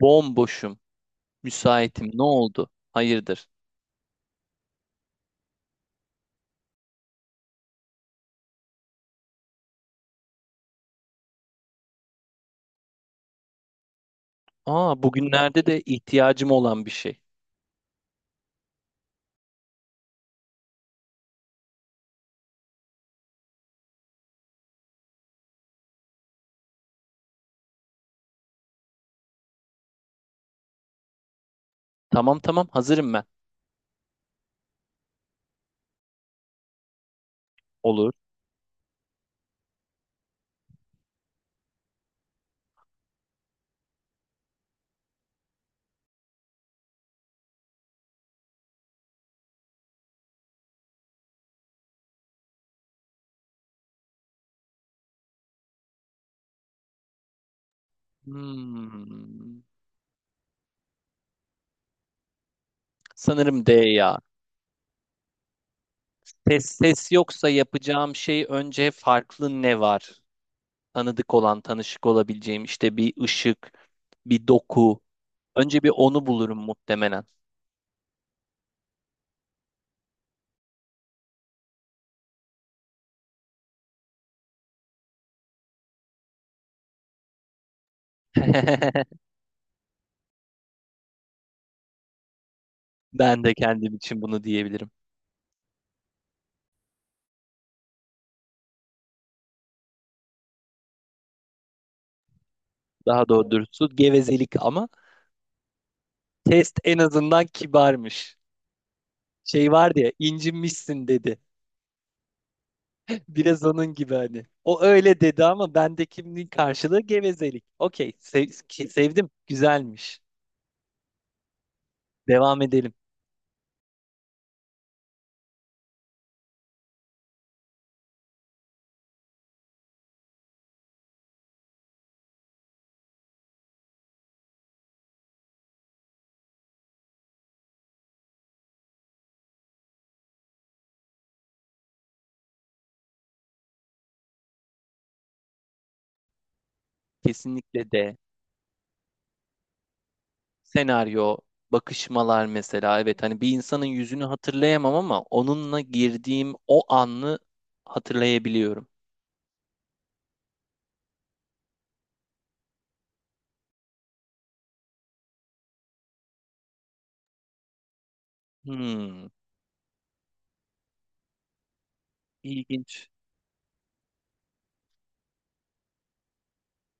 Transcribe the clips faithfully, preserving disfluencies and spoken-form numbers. Bomboşum. Müsaitim. Ne oldu? Hayırdır? Aa, bugünlerde de ihtiyacım olan bir şey. Tamam tamam hazırım ben. Olur. Hmm. Sanırım D ya. Ses, ses yoksa yapacağım şey önce farklı ne var? Tanıdık olan, tanışık olabileceğim işte bir ışık, bir doku. Önce bir onu bulurum muhtemelen. Ben de kendim için bunu diyebilirim. Daha doğrusu gevezelik ama test en azından kibarmış. Şey var ya incinmişsin dedi. Biraz onun gibi hani. O öyle dedi ama bendekinin karşılığı gevezelik. Okey, sev- ki- sevdim, güzelmiş. Devam edelim. Kesinlikle de senaryo, bakışmalar mesela. Evet, hani bir insanın yüzünü hatırlayamam ama onunla girdiğim o anı hatırlayabiliyorum. Hmm, ilginç.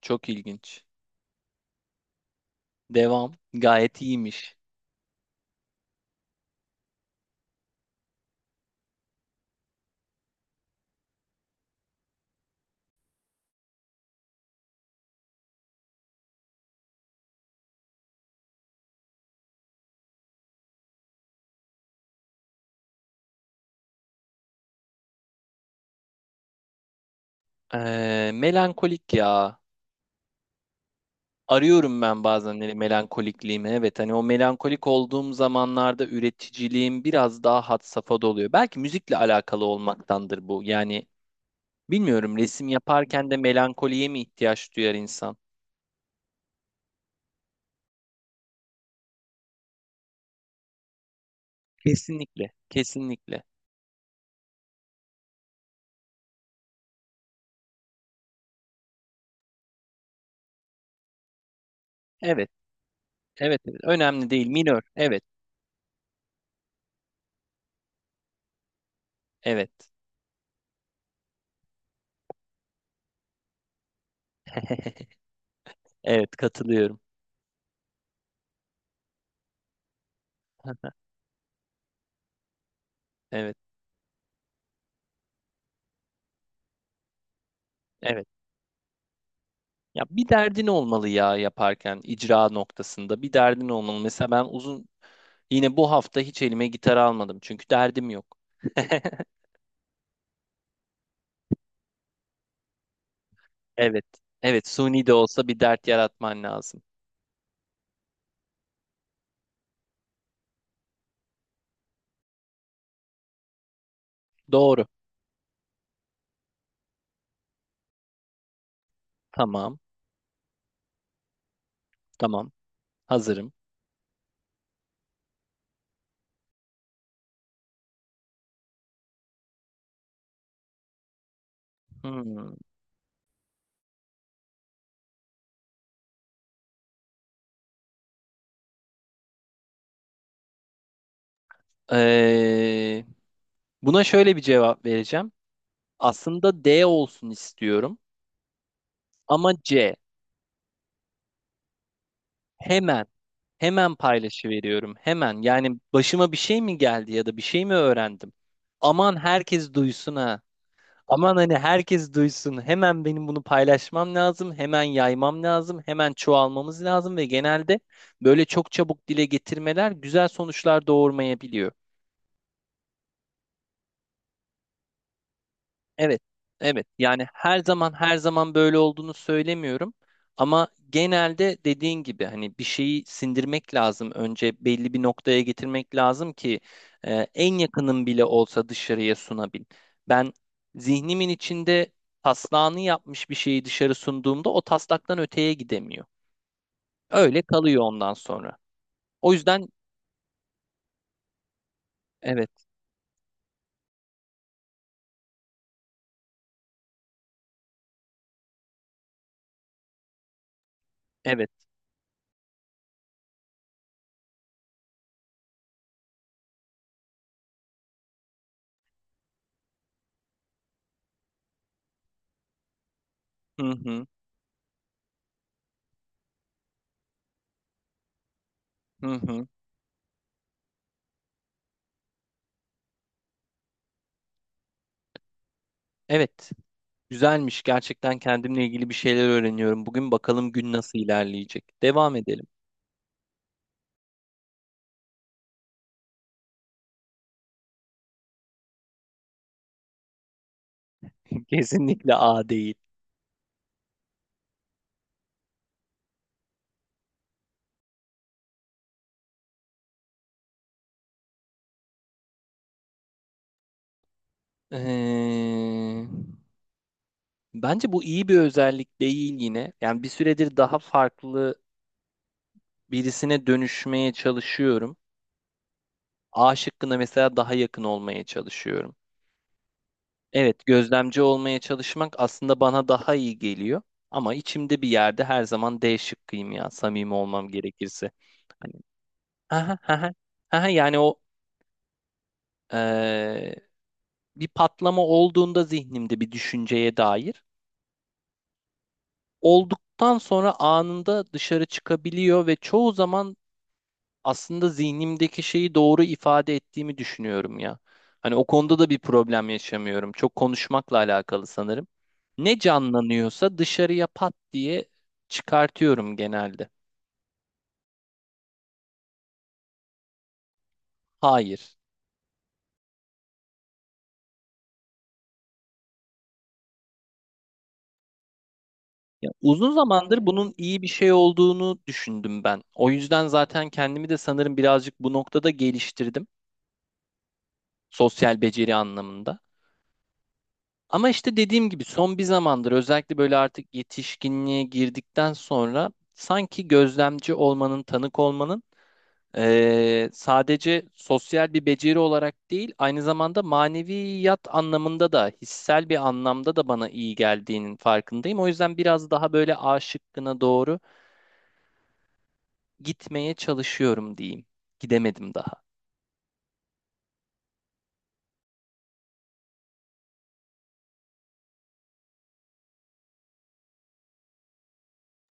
Çok ilginç. Devam. Gayet iyiymiş. Ee, melankolik ya. Arıyorum ben bazen hani melankolikliğimi. Evet, hani o melankolik olduğum zamanlarda üreticiliğim biraz daha had safhada oluyor. Belki müzikle alakalı olmaktandır bu. Yani bilmiyorum, resim yaparken de melankoliye mi ihtiyaç duyar insan? Kesinlikle, kesinlikle. Evet, evet, evet. Önemli değil, minör. Evet, evet. Evet, katılıyorum. Evet, evet. Ya bir derdin olmalı, ya yaparken icra noktasında bir derdin olmalı. Mesela ben uzun yine bu hafta hiç elime gitar almadım çünkü derdim yok. Evet. Evet, suni de olsa bir dert yaratman lazım. Doğru. Tamam. Tamam. Hazırım. Hmm. Ee, Buna şöyle bir cevap vereceğim. Aslında D olsun istiyorum ama C. Hemen, hemen paylaşıveriyorum. Hemen. Yani başıma bir şey mi geldi ya da bir şey mi öğrendim? Aman herkes duysun ha. Aman, hani herkes duysun. Hemen benim bunu paylaşmam lazım. Hemen yaymam lazım. Hemen çoğalmamız lazım ve genelde böyle çok çabuk dile getirmeler güzel sonuçlar doğurmayabiliyor. Evet, evet. Yani her zaman, her zaman böyle olduğunu söylemiyorum. Ama genelde dediğin gibi hani bir şeyi sindirmek lazım. Önce belli bir noktaya getirmek lazım ki e, en yakınım bile olsa dışarıya sunabil. Ben zihnimin içinde taslağını yapmış bir şeyi dışarı sunduğumda o taslaktan öteye gidemiyor. Öyle kalıyor ondan sonra. O yüzden evet, evet. Hı hı, hı hı. Evet. Güzelmiş. Gerçekten kendimle ilgili bir şeyler öğreniyorum. Bugün bakalım gün nasıl ilerleyecek. Devam edelim. Kesinlikle A değil. Ee, Bence bu iyi bir özellik değil yine. Yani bir süredir daha farklı birisine dönüşmeye çalışıyorum. A şıkkına mesela daha yakın olmaya çalışıyorum. Evet, gözlemci olmaya çalışmak aslında bana daha iyi geliyor. Ama içimde bir yerde her zaman D şıkkıyım ya, samimi olmam gerekirse. Hani, aha, aha, aha, yani o Ee, bir patlama olduğunda zihnimde bir düşünceye dair olduktan sonra anında dışarı çıkabiliyor ve çoğu zaman aslında zihnimdeki şeyi doğru ifade ettiğimi düşünüyorum ya. Hani o konuda da bir problem yaşamıyorum. Çok konuşmakla alakalı sanırım. Ne canlanıyorsa dışarıya pat diye çıkartıyorum genelde. Hayır. Ya uzun zamandır bunun iyi bir şey olduğunu düşündüm ben. O yüzden zaten kendimi de sanırım birazcık bu noktada geliştirdim. Sosyal beceri anlamında. Ama işte dediğim gibi son bir zamandır özellikle böyle artık yetişkinliğe girdikten sonra sanki gözlemci olmanın, tanık olmanın eee, sadece sosyal bir beceri olarak değil, aynı zamanda maneviyat anlamında da, hissel bir anlamda da bana iyi geldiğinin farkındayım. O yüzden biraz daha böyle A şıkkına doğru gitmeye çalışıyorum diyeyim. Gidemedim daha.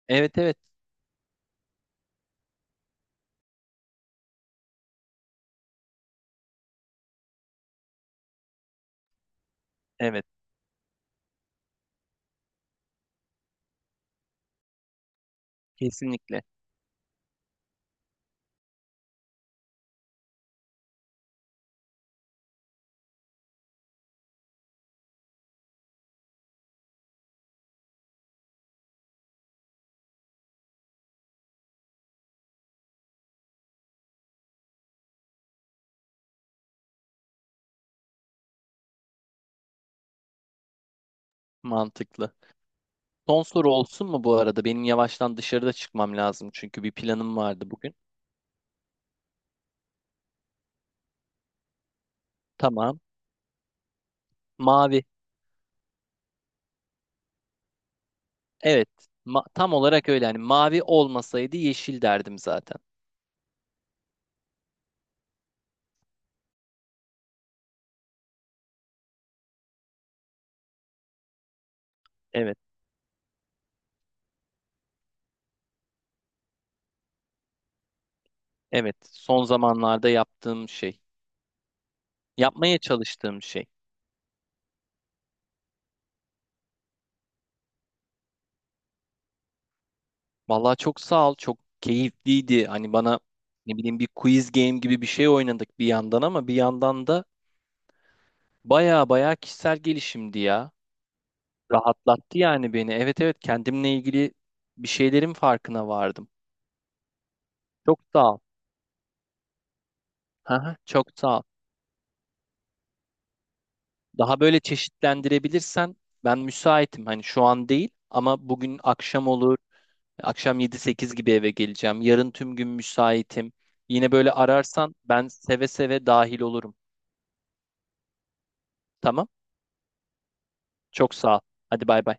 Evet, evet, evet, kesinlikle mantıklı. Son soru olsun mu bu arada? Benim yavaştan dışarıda çıkmam lazım çünkü bir planım vardı bugün. Tamam. Mavi. Evet. Ma- tam olarak öyle. Yani mavi olmasaydı yeşil derdim zaten. Evet. Evet. Son zamanlarda yaptığım şey. Yapmaya çalıştığım şey. Vallahi çok sağ ol. Çok keyifliydi. Hani bana ne bileyim bir quiz game gibi bir şey oynadık bir yandan ama bir yandan da baya baya kişisel gelişimdi ya. Rahatlattı yani beni. Evet, evet, kendimle ilgili bir şeylerin farkına vardım. Çok sağ ol. Hı hı, çok sağ ol. Daha böyle çeşitlendirebilirsen ben müsaitim. Hani şu an değil ama bugün akşam olur. Akşam yedi sekiz gibi eve geleceğim. Yarın tüm gün müsaitim. Yine böyle ararsan ben seve seve dahil olurum. Tamam? Çok sağ ol. Hadi bay bay.